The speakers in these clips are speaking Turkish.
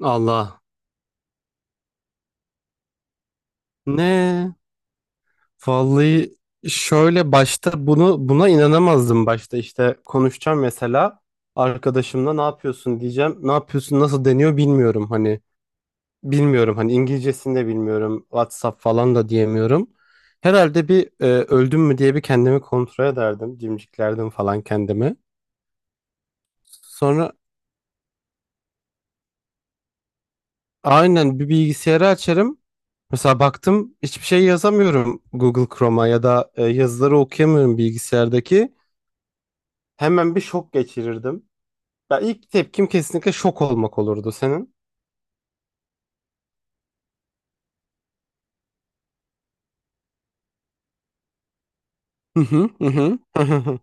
Allah. Ne? Vallahi şöyle başta bunu buna inanamazdım, başta işte konuşacağım mesela arkadaşımla ne yapıyorsun diyeceğim. Ne yapıyorsun nasıl deniyor bilmiyorum hani İngilizcesini de bilmiyorum, WhatsApp falan da diyemiyorum. Herhalde bir öldüm mü diye bir kendimi kontrol ederdim, cimciklerdim falan kendimi. Sonra aynen bir bilgisayarı açarım. Mesela baktım hiçbir şey yazamıyorum Google Chrome'a ya da yazıları okuyamıyorum bilgisayardaki. Hemen bir şok geçirirdim. Ya ilk tepkim kesinlikle şok olmak olurdu senin. Hı hı hı hı hı hı. Hı.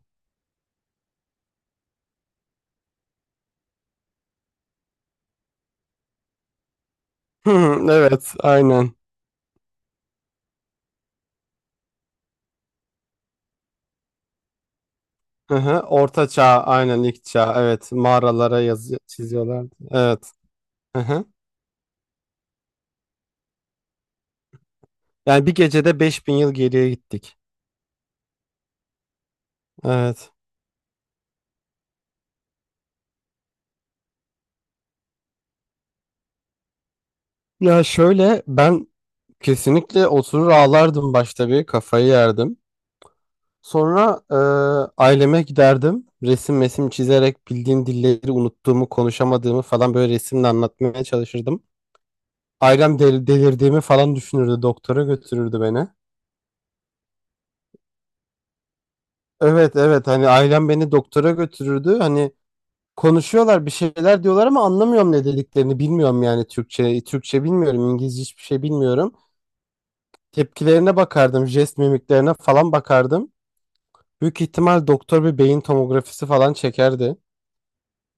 Hı hı, evet, aynen. Hı hı. Orta çağ, aynen ilk çağ. Evet, mağaralara yazı çiziyorlardı. Evet. Hı hı. Yani bir gecede 5.000 yıl geriye gittik. Evet. Ya şöyle ben kesinlikle oturur ağlardım, başta bir kafayı yerdim. Sonra aileme giderdim. Resim mesim çizerek bildiğim dilleri unuttuğumu, konuşamadığımı falan böyle resimle anlatmaya çalışırdım. Ailem delirdiğimi falan düşünürdü. Doktora götürürdü beni. Evet, evet, hani ailem beni doktora götürürdü. Hani konuşuyorlar bir şeyler diyorlar ama anlamıyorum ne dediklerini. Bilmiyorum yani Türkçe. Türkçe bilmiyorum. İngilizce hiçbir şey bilmiyorum. Tepkilerine bakardım. Jest mimiklerine falan bakardım. Büyük ihtimal doktor bir beyin tomografisi falan çekerdi.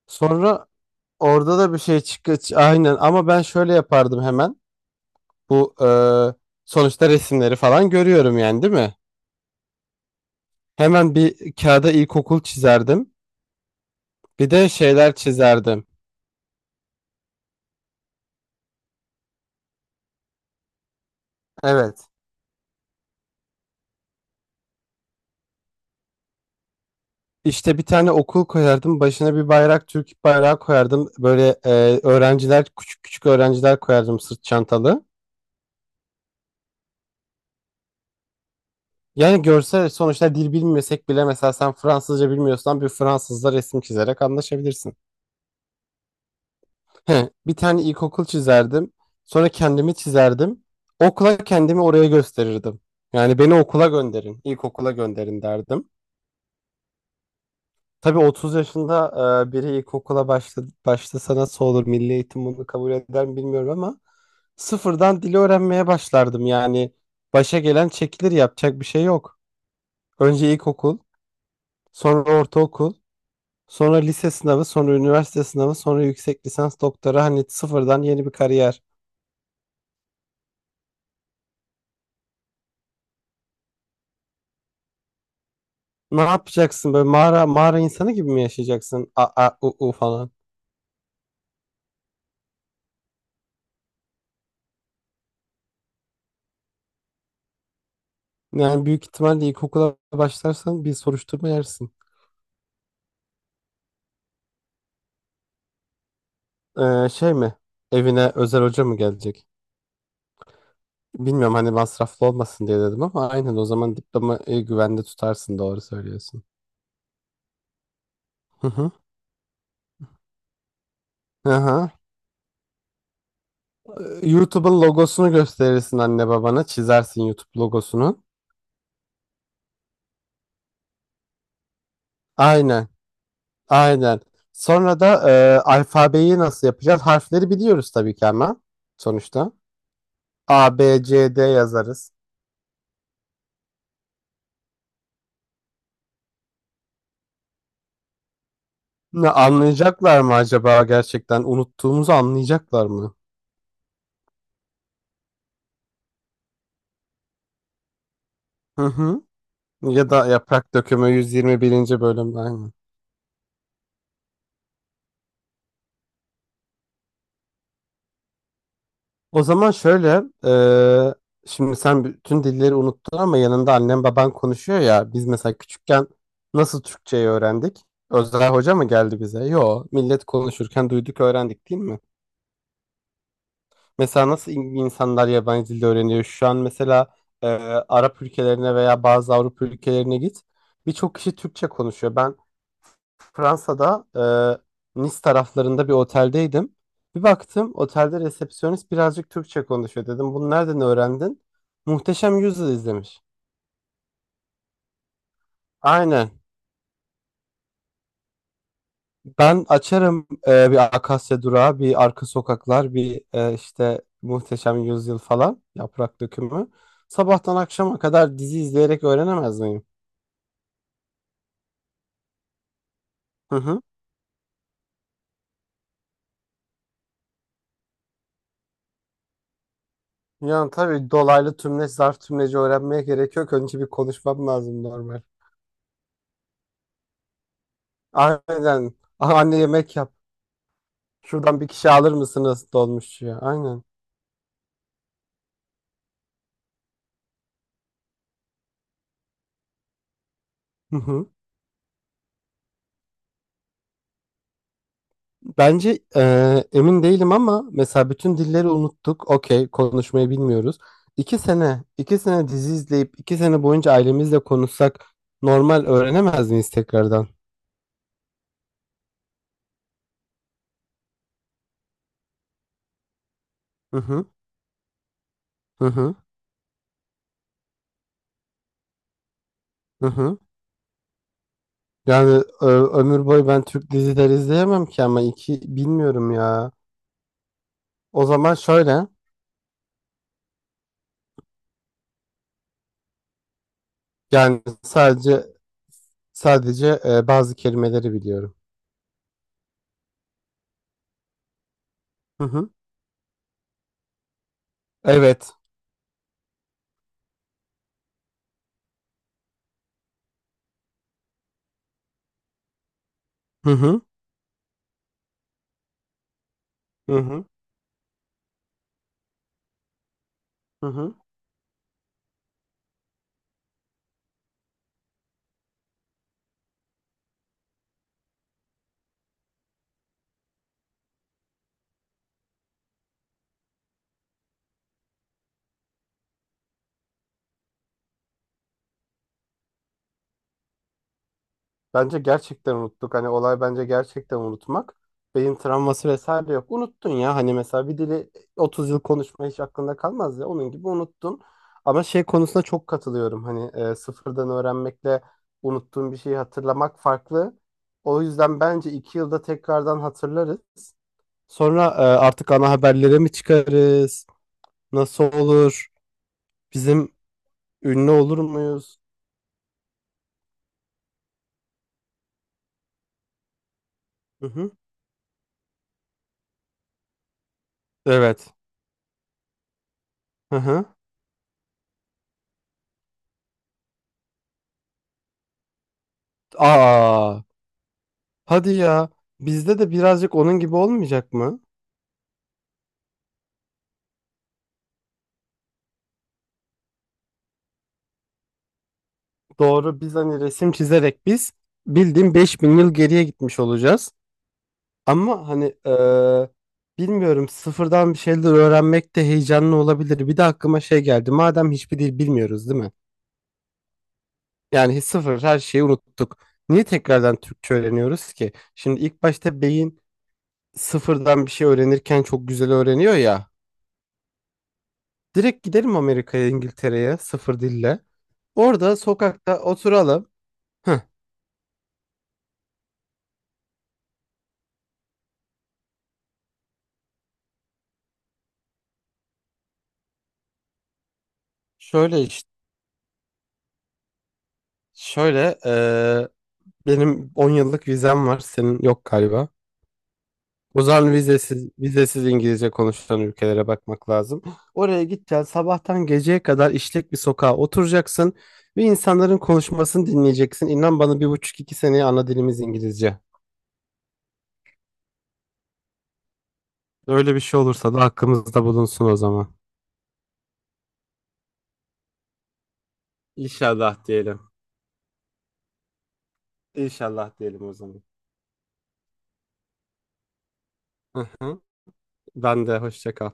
Sonra orada da bir şey çıkıyor. Aynen, ama ben şöyle yapardım hemen. Bu sonuçta resimleri falan görüyorum yani, değil mi? Hemen bir kağıda ilkokul çizerdim. Bir de şeyler çizerdim. Evet. İşte bir tane okul koyardım. Başına bir bayrak, Türk bayrağı koyardım. Böyle öğrenciler, küçük küçük öğrenciler koyardım sırt çantalı. Yani görsel, sonuçta dil bilmesek bile mesela sen Fransızca bilmiyorsan bir Fransızla resim çizerek anlaşabilirsin. He, bir tane ilkokul çizerdim. Sonra kendimi çizerdim. Okula kendimi oraya gösterirdim. Yani beni okula gönderin, ilkokula gönderin derdim. Tabii 30 yaşında biri ilkokula başlasa nasıl olur? Milli eğitim bunu kabul eder mi bilmiyorum ama sıfırdan dili öğrenmeye başlardım. Yani başa gelen çekilir, yapacak bir şey yok. Önce ilkokul, sonra ortaokul, sonra lise sınavı, sonra üniversite sınavı, sonra yüksek lisans doktora, hani sıfırdan yeni bir kariyer. Ne yapacaksın, böyle mağara mağara insanı gibi mi yaşayacaksın? A, a, u, u falan. Yani büyük ihtimalle ilkokula başlarsan bir soruşturma yersin. Şey mi? Evine özel hoca mı gelecek? Bilmiyorum hani masraflı olmasın diye dedim ama aynen, o zaman diploma güvende tutarsın, doğru söylüyorsun. Hı hı. Aha. YouTube'un logosunu gösterirsin, anne babana çizersin YouTube logosunu. Aynen. Aynen. Sonra da alfabeyi nasıl yapacağız? Harfleri biliyoruz tabii ki ama sonuçta. A, B, C, D yazarız. Ne, anlayacaklar mı acaba gerçekten? Unuttuğumuzu anlayacaklar mı? Hı hı. Ya da Yaprak Dökümü 121. bölüm aynı. O zaman şöyle, e, şimdi sen bütün dilleri unuttun ama yanında annen baban konuşuyor ya. Biz mesela küçükken nasıl Türkçeyi öğrendik? Özel hoca mı geldi bize? Yo, millet konuşurken duyduk öğrendik, değil mi? Mesela nasıl insanlar yabancı dilde öğreniyor? Şu an mesela e, Arap ülkelerine veya bazı Avrupa ülkelerine git. Birçok kişi Türkçe konuşuyor. Ben Fransa'da Nice taraflarında bir oteldeydim. Bir baktım otelde resepsiyonist birazcık Türkçe konuşuyor, dedim bunu nereden öğrendin? Muhteşem Yüzyıl izlemiş. Aynen. Ben açarım bir Akasya Durağı, bir Arka Sokaklar, bir işte Muhteşem Yüzyıl falan, Yaprak Dökümü. Sabahtan akşama kadar dizi izleyerek öğrenemez miyim? Hı hı. Yani tabii dolaylı tümleç, zarf tümleci öğrenmeye gerek yok. Önce bir konuşmam lazım normal. Aynen. Aha, anne yemek yap. Şuradan bir kişi alır mısınız dolmuşçuya? Aynen. Hı hı. Bence emin değilim ama mesela bütün dilleri unuttuk. Okey, konuşmayı bilmiyoruz. İki sene, iki sene dizi izleyip iki sene boyunca ailemizle konuşsak normal öğrenemez miyiz tekrardan? Hı hı, hı hı, hı hı. Yani ömür boyu ben Türk dizileri izleyemem ki ama iki, bilmiyorum ya. O zaman şöyle, yani sadece bazı kelimeleri biliyorum. Hı hı. Evet. Hı hı. Hı hı. Hı hı. Bence gerçekten unuttuk. Hani olay bence gerçekten unutmak. Beyin travması vesaire yok. Unuttun ya. Hani mesela bir dili 30 yıl konuşma hiç aklında kalmaz ya. Onun gibi unuttun. Ama şey konusunda çok katılıyorum. Hani sıfırdan öğrenmekle unuttuğun bir şeyi hatırlamak farklı. O yüzden bence 2 yılda tekrardan hatırlarız. Sonra artık ana haberlere mi çıkarız? Nasıl olur? Bizim ünlü olur muyuz? Hı hı. Evet. Hı hı. Aa. Hadi ya, bizde de birazcık onun gibi olmayacak mı? Doğru, biz hani resim çizerek biz bildiğin 5.000 yıl geriye gitmiş olacağız. Ama hani bilmiyorum, sıfırdan bir şeyler öğrenmek de heyecanlı olabilir. Bir de aklıma şey geldi, madem hiçbir dil bilmiyoruz, değil mi? Yani sıfır, her şeyi unuttuk. Niye tekrardan Türkçe öğreniyoruz ki? Şimdi ilk başta beyin sıfırdan bir şey öğrenirken çok güzel öğreniyor ya. Direkt gidelim Amerika'ya, İngiltere'ye sıfır dille. Orada sokakta oturalım. Şöyle işte, şöyle benim 10 yıllık vizem var, senin yok galiba. O zaman vizesiz, vizesiz İngilizce konuşulan ülkelere bakmak lazım. Oraya gideceksin, sabahtan geceye kadar işlek bir sokağa oturacaksın ve insanların konuşmasını dinleyeceksin. İnan bana bir buçuk iki seneye ana dilimiz İngilizce. Öyle bir şey olursa da hakkımızda bulunsun o zaman. İnşallah diyelim. İnşallah diyelim o zaman. Hı hı. Ben de hoşça kal.